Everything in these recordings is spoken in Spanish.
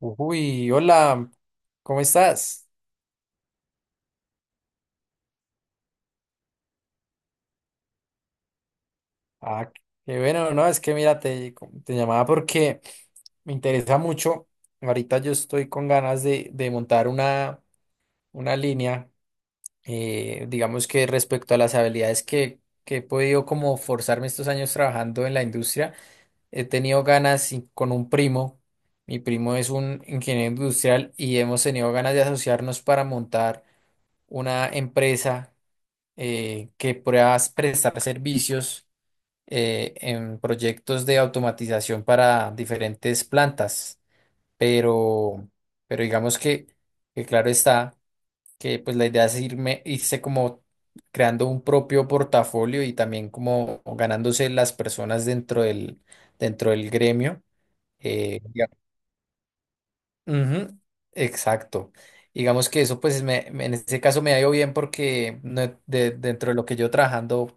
Uy, hola, ¿cómo estás? Ah, qué bueno, no, es que mira, te llamaba porque me interesa mucho. Ahorita yo estoy con ganas de montar una línea, digamos que respecto a las habilidades que he podido como forzarme estos años trabajando en la industria, he tenido ganas y con un primo, mi primo es un ingeniero industrial y hemos tenido ganas de asociarnos para montar una empresa que puedas prestar servicios en proyectos de automatización para diferentes plantas, pero, pero digamos que claro está que pues la idea es irme, irse como creando un propio portafolio y también como ganándose las personas dentro dentro del gremio. eh, diga- Ujú, exacto. Digamos que eso, en ese caso me ha ido bien porque no- de- dentro de lo que yo trabajando,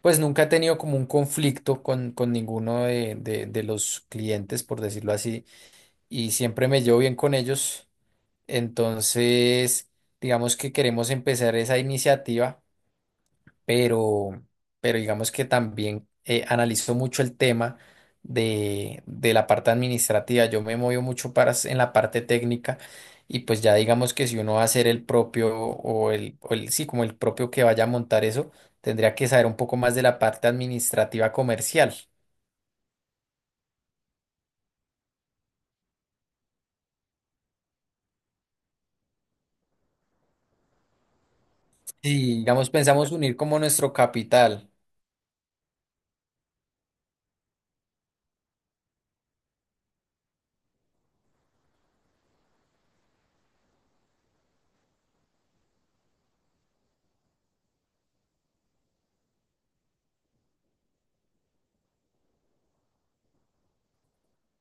pues nunca he tenido como un conflicto con ninguno de los clientes, por decirlo así, y siempre me llevo bien con ellos. Entonces, digamos que queremos empezar esa iniciativa, pero, pero digamos que también analizo mucho el tema de la parte administrativa. Yo me muevo mucho en la parte técnica y pues ya digamos que si uno va a ser el propio sí, como el propio que vaya a montar eso, tendría que saber un poco más de la parte administrativa comercial. Si, digamos, pensamos unir como nuestro capital,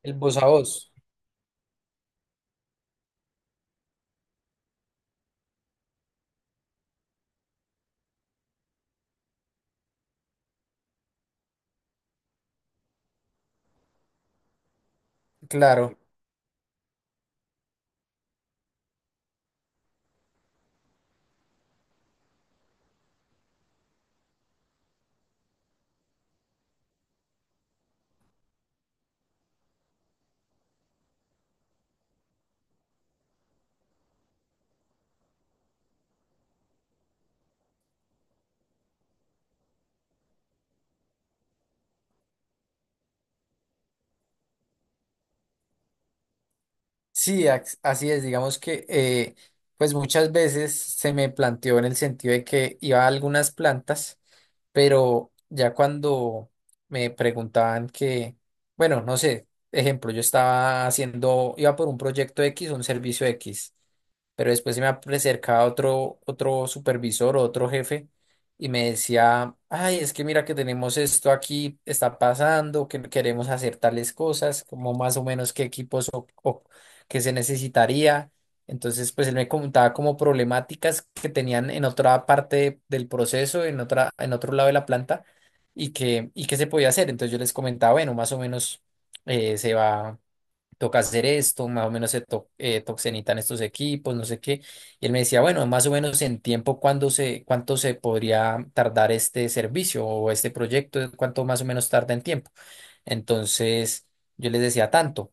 el voz a voz, claro. Sí, así es, digamos que pues muchas veces se me planteó en el sentido de que iba a algunas plantas, pero ya cuando me preguntaban que, bueno, no sé, ejemplo, yo estaba haciendo, iba por un proyecto X, un servicio X, pero después se me acercaba otro supervisor o otro jefe y me decía, ay, es que mira que tenemos esto aquí, está pasando, que queremos hacer tales cosas, como más o menos qué equipos o que se necesitaría. Entonces, pues él me comentaba como problemáticas que tenían en otra parte del proceso, en otro lado de la planta y que se podía hacer. Entonces yo les comentaba, bueno, más o menos eh, se va, toca hacer esto, más o menos se to, to- se necesitan estos equipos, no sé qué. Y él me decía, bueno, más o menos en tiempo, ¿cuánto se podría tardar este servicio o este proyecto? ¿Cuánto más o menos tarda en tiempo? Entonces yo les decía tanto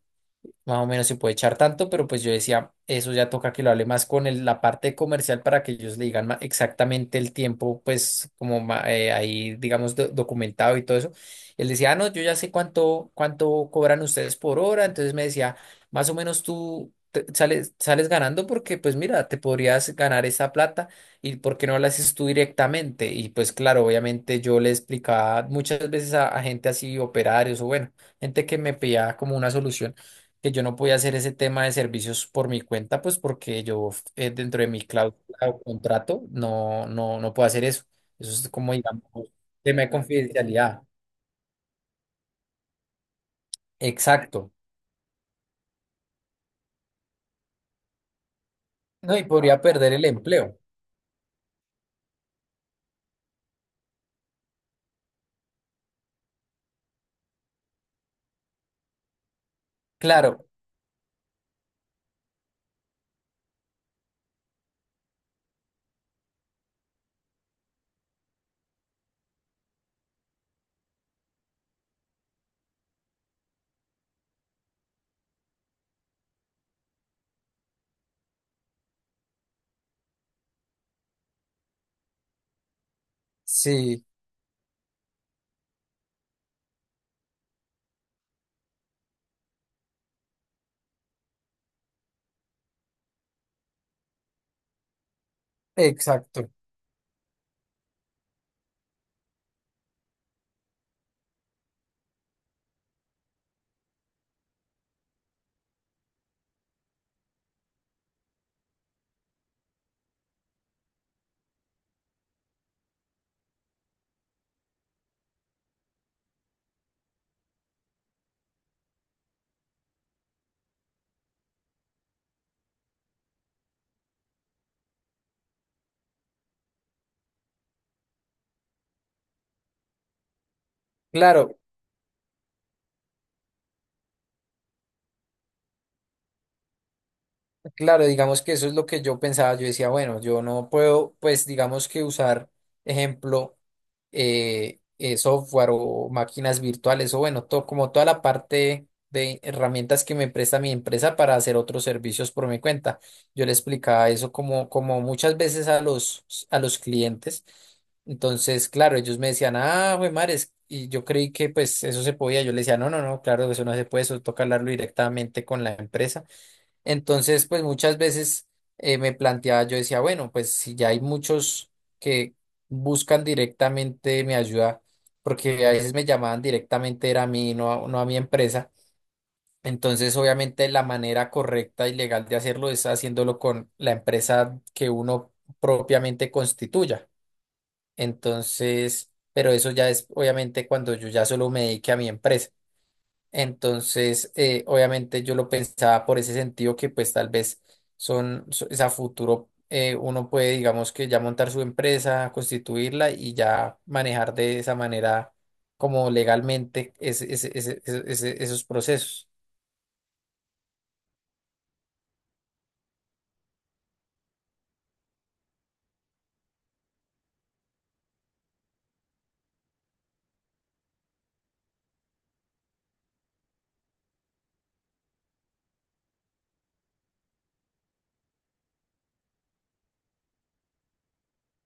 más o menos se puede echar tanto, pero pues yo decía, eso ya toca que lo hable más con la parte comercial para que ellos le digan exactamente el tiempo, pues como ahí, digamos, documentado y todo eso. Él decía, ah, no, yo ya sé cuánto cobran ustedes por hora, entonces me decía, más o menos sales ganando porque pues mira, te podrías ganar esa plata y por qué no la haces tú directamente. Y pues claro, obviamente yo le explicaba muchas veces a gente así, operarios o bueno, gente que me pedía como una solución que yo no podía hacer ese tema de servicios por mi cuenta, pues porque yo, dentro de mi cláusula o contrato no puedo hacer eso. Eso es como, digamos, tema de confidencialidad. Exacto. No, y podría perder el empleo. Claro, sí, exacto. Claro. Claro, digamos que eso es lo que yo pensaba. Yo decía, bueno, yo no puedo, pues digamos que usar, ejemplo, software o máquinas virtuales o bueno, todo, como toda la parte de herramientas que me presta mi empresa para hacer otros servicios por mi cuenta. Yo le explicaba eso como, como muchas veces a a los clientes. Entonces, claro, ellos me decían, ah, güey, mares, y yo creí que pues eso se podía. Yo le decía, no, claro, eso no se puede, eso toca hablarlo directamente con la empresa. Entonces, pues muchas veces me planteaba, yo decía, bueno, pues si ya hay muchos que buscan directamente mi ayuda, porque a veces me llamaban directamente era a mí, no a mi empresa. Entonces, obviamente la manera correcta y legal de hacerlo es haciéndolo con la empresa que uno propiamente constituya. Entonces, pero eso ya es obviamente cuando yo ya solo me dedique a mi empresa. Entonces, obviamente yo lo pensaba por ese sentido que pues tal vez es a futuro, uno puede, digamos que ya montar su empresa, constituirla y ya manejar de esa manera como legalmente esos procesos.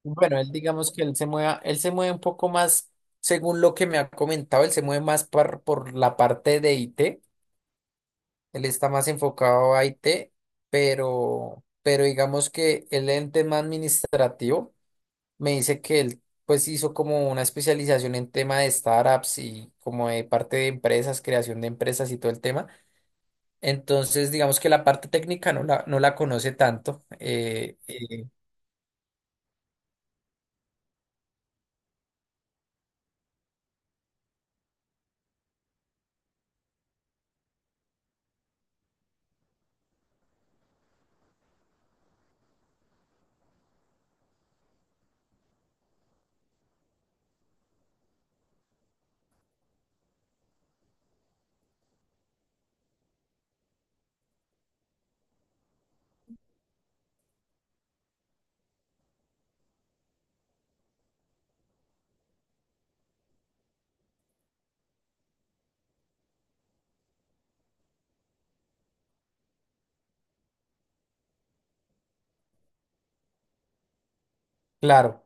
Bueno, él digamos que él se mueve un poco más, según lo que me ha comentado, él se mueve por la parte de IT, él está más enfocado a IT, pero digamos que él en tema administrativo me dice que él pues hizo como una especialización en tema de startups y como de parte de empresas, creación de empresas y todo el tema. Entonces, digamos que la parte técnica no la conoce tanto. Claro,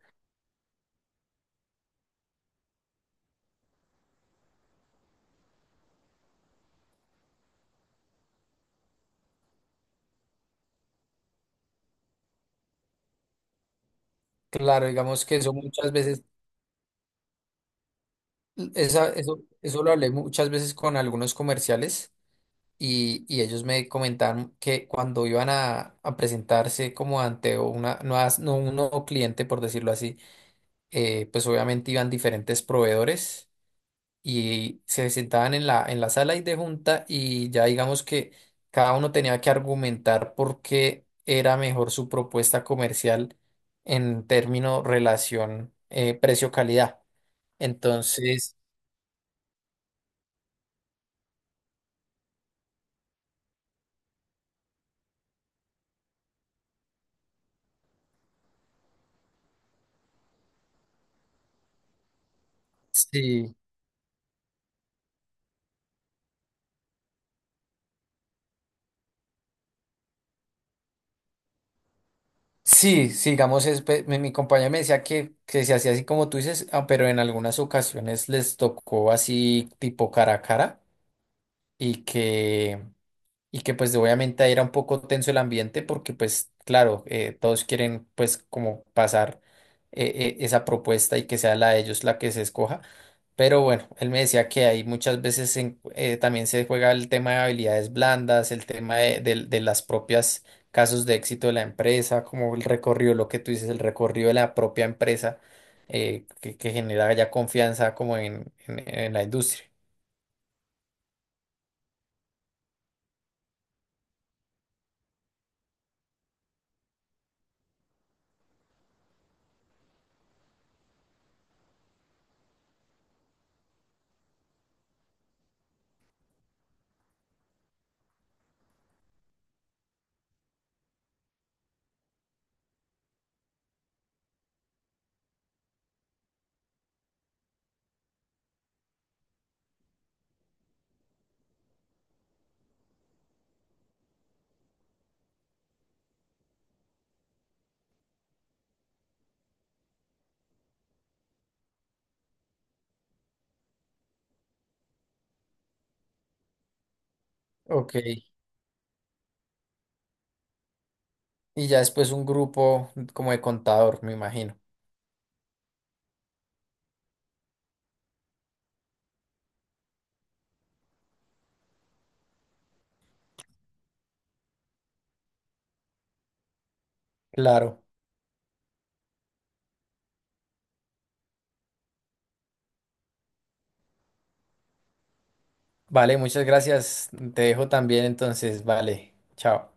claro, digamos que eso muchas veces, eso lo hablé muchas veces con algunos comerciales. Y ellos me comentaron que cuando iban a presentarse como ante una, nuevas- no, un nuevo cliente, por decirlo así, pues obviamente iban diferentes proveedores y se sentaban en en la sala y de junta y ya digamos que cada uno tenía que argumentar por qué era mejor su propuesta comercial en término relación precio-calidad. Entonces, sí, sí, digamos, mi, mi compañero me decía que se hacía así como tú dices, ah, pero en algunas ocasiones les tocó así tipo cara a cara y que... y que pues obviamente ahí era un poco tenso el ambiente porque pues claro, todos quieren pues como pasar esa propuesta y que sea la de ellos la que se escoja. Pero bueno, él me decía que ahí muchas veces también se juega el tema de habilidades blandas, el tema de las propias casos de éxito de la empresa, como el recorrido, lo que tú dices, el recorrido de la propia empresa, que genera ya confianza como en la industria. Ok. Y ya después un grupo como de contador, me imagino. Claro. Vale, muchas gracias. Te dejo también entonces. Vale, chao.